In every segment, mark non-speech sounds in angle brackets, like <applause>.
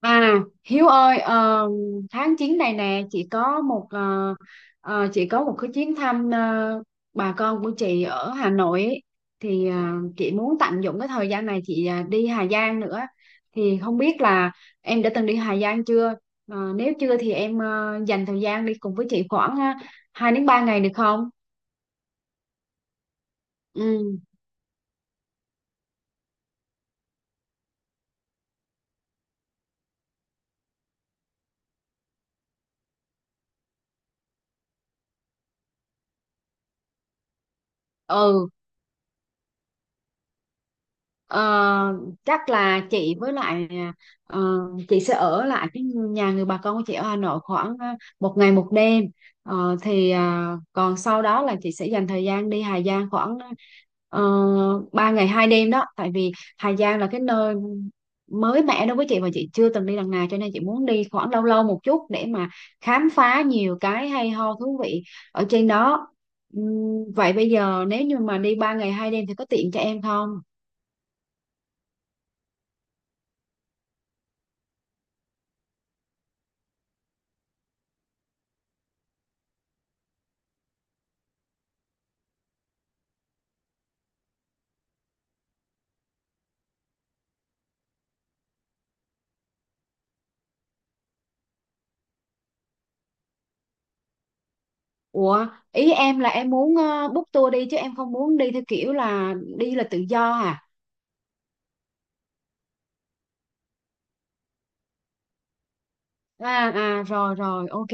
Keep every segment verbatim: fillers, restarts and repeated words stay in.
À, Hiếu ơi, ờ, tháng chín này nè, chị có một ờ, ờ, chị có một cái chuyến thăm ờ, bà con của chị ở Hà Nội ấy. Thì ờ, chị muốn tận dụng cái thời gian này chị ờ, đi Hà Giang nữa. Thì không biết là em đã từng đi Hà Giang chưa? Ờ, nếu chưa thì em ờ, dành thời gian đi cùng với chị khoảng uh, hai đến ba ngày được không? Ừ, ừ. Ờ, Chắc là chị với lại ờ, chị sẽ ở lại cái nhà người bà con của chị ở Hà Nội khoảng ờ, một ngày một đêm. Ờ, thì ờ, còn sau đó là chị sẽ dành thời gian đi Hà Giang khoảng uh, ba ngày hai đêm đó tại vì Hà Giang là cái nơi mới mẻ đối với chị và chị chưa từng đi lần nào cho nên chị muốn đi khoảng lâu lâu một chút để mà khám phá nhiều cái hay ho thú vị ở trên đó. Ừm, vậy bây giờ nếu như mà đi ba ngày hai đêm thì có tiện cho em không? Ủa, ý em là em muốn ờ, book tour đi chứ em không muốn đi theo kiểu là đi là tự do à? À, à rồi rồi ok.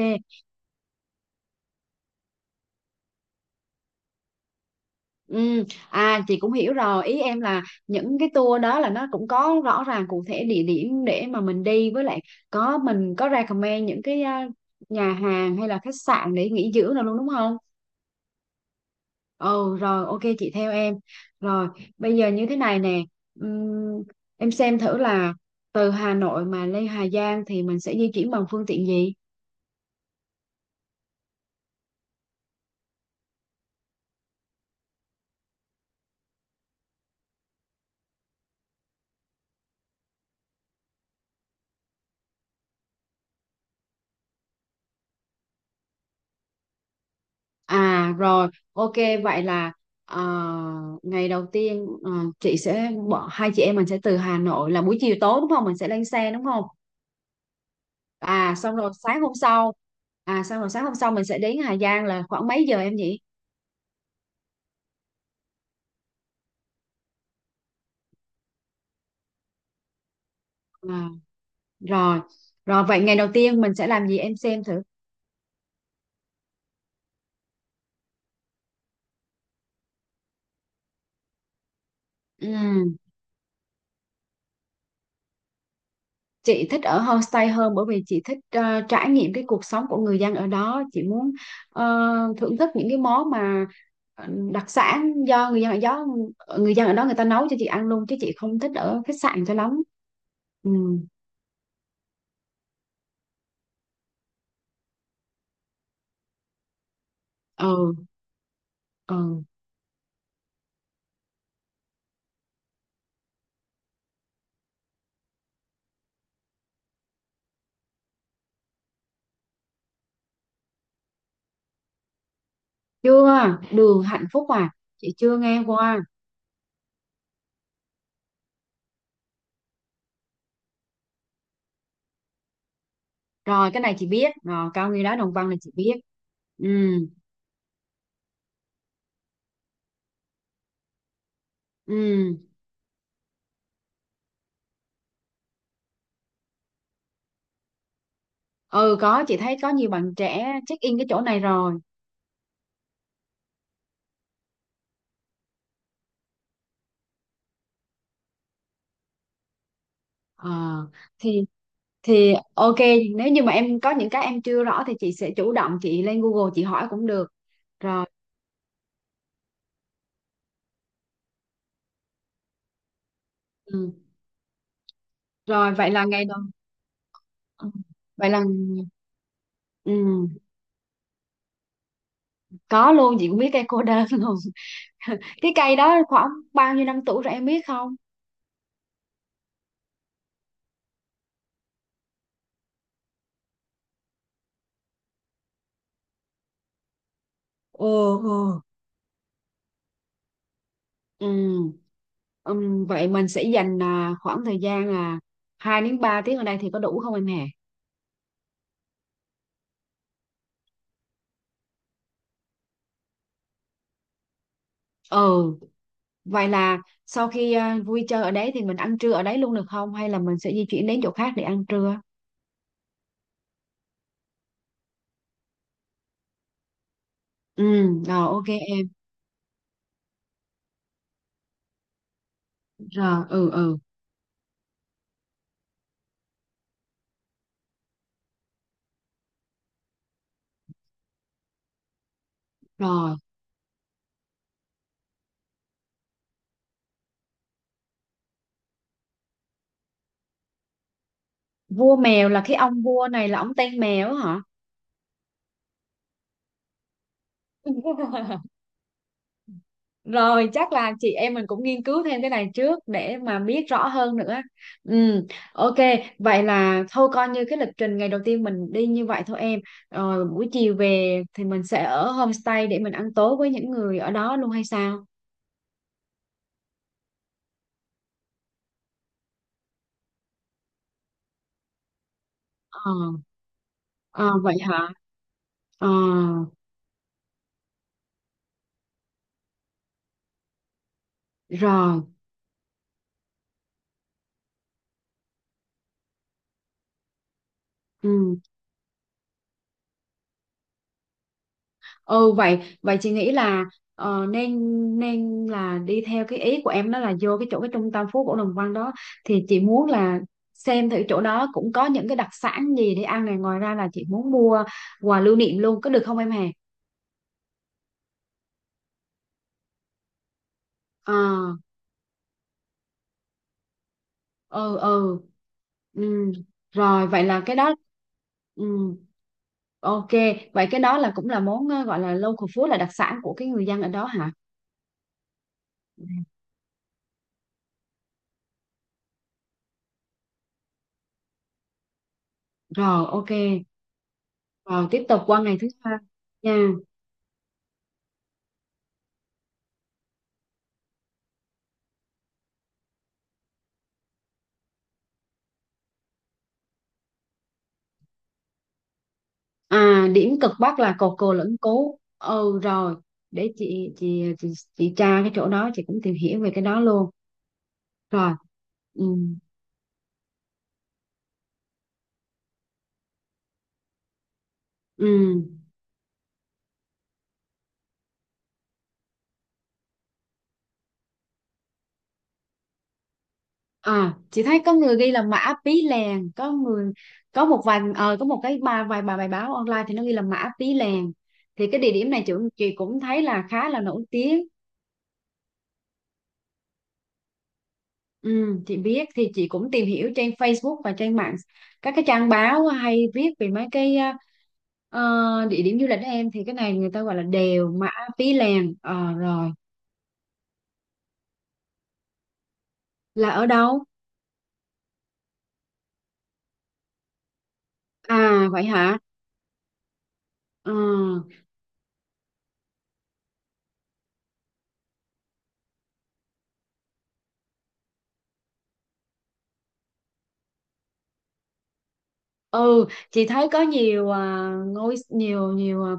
Ừ, à chị cũng hiểu rồi, ý em là những cái tour đó là nó cũng có rõ ràng cụ thể địa điểm để mà mình đi với lại có mình có recommend những cái ờ, nhà hàng hay là khách sạn để nghỉ dưỡng nào luôn đúng không? Ừ rồi ok chị theo em. Rồi bây giờ như thế này nè. Ừm, em xem thử là từ Hà Nội mà lên Hà Giang thì mình sẽ di chuyển bằng phương tiện gì. À rồi ok. Vậy là ờ, ngày đầu tiên, ờ, chị sẽ bỏ hai chị em mình sẽ từ Hà Nội là buổi chiều tối đúng không, mình sẽ lên xe đúng không? À xong rồi sáng hôm sau À xong rồi sáng hôm sau mình sẽ đến Hà Giang là khoảng mấy giờ em nhỉ? À, rồi. Rồi vậy ngày đầu tiên mình sẽ làm gì em xem thử. Ừ, chị thích ở homestay hơn bởi vì chị thích ờ, trải nghiệm cái cuộc sống của người dân ở đó, chị muốn ờ, thưởng thức những cái món mà ờ, đặc sản do người dân ở đó người dân ở đó người ta nấu cho chị ăn luôn chứ chị không thích ở khách sạn cho lắm. Ừ, ừ, ừ. Chưa, đường hạnh phúc à? Chị chưa nghe qua. Rồi, cái này chị biết rồi, cao nguyên đá Đồng Văn là chị biết. Ừ, ừ, ừ, có, chị thấy có nhiều bạn trẻ check in cái chỗ này rồi. Ờ thì thì ok, nếu như mà em có những cái em chưa rõ thì chị sẽ chủ động chị lên Google chị hỏi cũng được. Rồi. Ừ. Rồi vậy là ngày đầu. Ừ. Vậy là ừ. Có luôn, chị cũng biết cây cô đơn luôn. <laughs> Cái cây đó khoảng bao nhiêu năm tuổi rồi em biết không? Ồ, ồ. Ừ. Ừm, vậy mình sẽ dành à, khoảng thời gian là hai đến ba tiếng ở đây thì có đủ không em hè? Ừ, vậy là sau khi à, vui chơi ở đấy thì mình ăn trưa ở đấy luôn được không hay là mình sẽ di chuyển đến chỗ khác để ăn trưa? Ừ, rồi ok em. Rồi, ừ, ừ. Rồi. Vua mèo là cái ông vua này là ông tên mèo hả? <laughs> Rồi chắc là chị em mình cũng nghiên cứu thêm cái này trước để mà biết rõ hơn nữa. Ừ, ok, vậy là thôi coi như cái lịch trình ngày đầu tiên mình đi như vậy thôi em. Rồi buổi chiều về thì mình sẽ ở homestay để mình ăn tối với những người ở đó luôn hay sao? Ờ. Ờ vậy hả? Ờ. Rồi. Ừ. Ừ vậy vậy chị nghĩ là ờ, nên nên là đi theo cái ý của em, đó là vô cái chỗ cái trung tâm phố cổ Đồng Văn đó thì chị muốn là xem thử chỗ đó cũng có những cái đặc sản gì để ăn này, ngoài ra là chị muốn mua quà lưu niệm luôn có được không em hè? Ờ, ừ, ừ, ừ. Rồi vậy là cái đó. Ừ, ok, vậy cái đó là cũng là món ờ, gọi là local food là đặc sản của cái người dân ở đó hả? Rồi ok. Rồi tiếp tục qua ngày thứ hai nha. À, điểm cực bắc là cột cờ Lẫn Cú. Ừ rồi, để chị, chị chị, chị tra cái chỗ đó chị cũng tìm hiểu về cái đó luôn. Rồi. Ừ. Ừ. À, chị thấy có người ghi là Mã Pí Lèng, có người có một vài ờ, có một cái bài vài bài bài báo online thì nó ghi là Mã Pí Lèng. Thì cái địa điểm này chị, chị cũng thấy là khá là nổi tiếng. Ừ, chị biết thì chị cũng tìm hiểu trên Facebook và trên mạng các cái trang báo hay viết về mấy cái à, ờ, địa điểm du lịch đó em thì cái này người ta gọi là đèo Mã Pí Lèng. Ờ, rồi. Là ở đâu? À vậy hả? Ờ. Ừ chị thấy có nhiều à, ngôi nhiều nhiều à,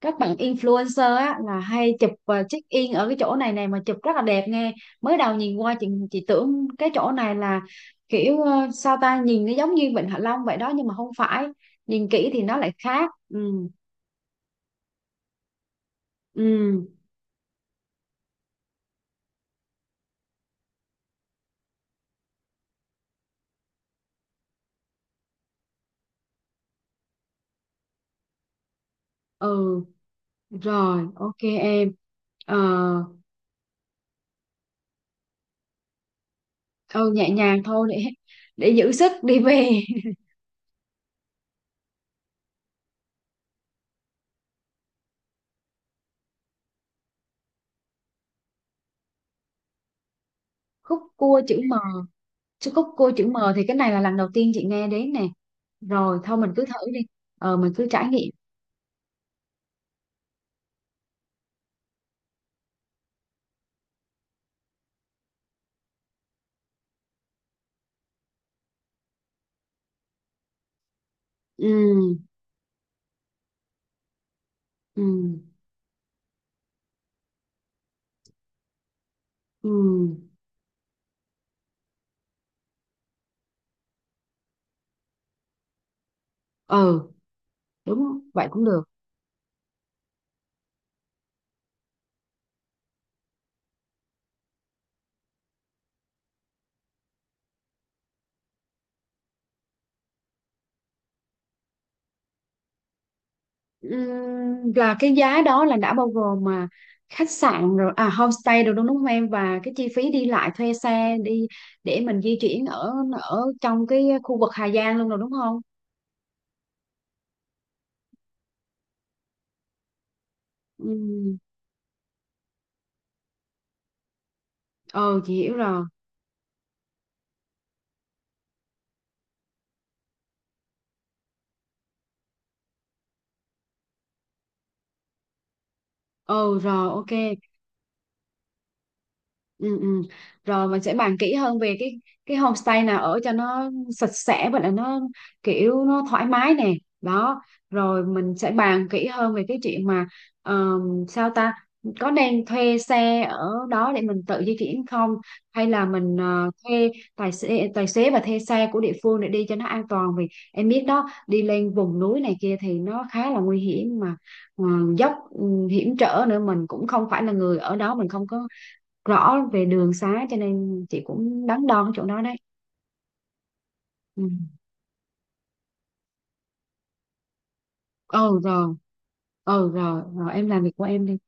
các bạn influencer á là hay chụp và check in ở cái chỗ này này mà chụp rất là đẹp nghe. Mới đầu nhìn qua chị chị tưởng cái chỗ này là kiểu ờ, sao ta, nhìn nó giống như Vịnh Hạ Long vậy đó nhưng mà không phải, nhìn kỹ thì nó lại khác. Ừ, ừ, ừ. Rồi ok em. Ờ, ừ nhẹ nhàng thôi để để giữ sức đi về. <laughs> Khúc cua chữ M? Chứ khúc cua chữ M thì cái này là lần đầu tiên chị nghe đến nè. Rồi thôi mình cứ thử đi. Ờ mình cứ trải nghiệm. Ừ. Ừ. Ừ, ờ đúng vậy cũng được. Ừm, là cái giá đó là đã bao gồm mà khách sạn rồi à homestay rồi đúng đúng không em, và cái chi phí đi lại thuê xe đi để mình di chuyển ở ở trong cái khu vực Hà Giang luôn rồi đúng không? Ừm, ờ chị hiểu rồi. Ờ rồi ok. Ừ, ừ. Rồi mình sẽ bàn kỹ hơn về cái cái homestay nào ở cho nó sạch sẽ và là nó kiểu nó thoải mái nè đó. Rồi mình sẽ bàn kỹ hơn về cái chuyện mà ờm, sao ta có nên thuê xe ở đó để mình tự di chuyển không, hay là mình ờ, thuê tài xế tài xế và thuê xe của địa phương để đi cho nó an toàn, vì em biết đó đi lên vùng núi này kia thì nó khá là nguy hiểm mà, ờ, dốc ừ, hiểm trở nữa, mình cũng không phải là người ở đó, mình không có rõ về đường xá cho nên chị cũng đắn đo cái chỗ đó đấy. Ừ. Ừ rồi. Ừ rồi rồi em làm việc của em đi.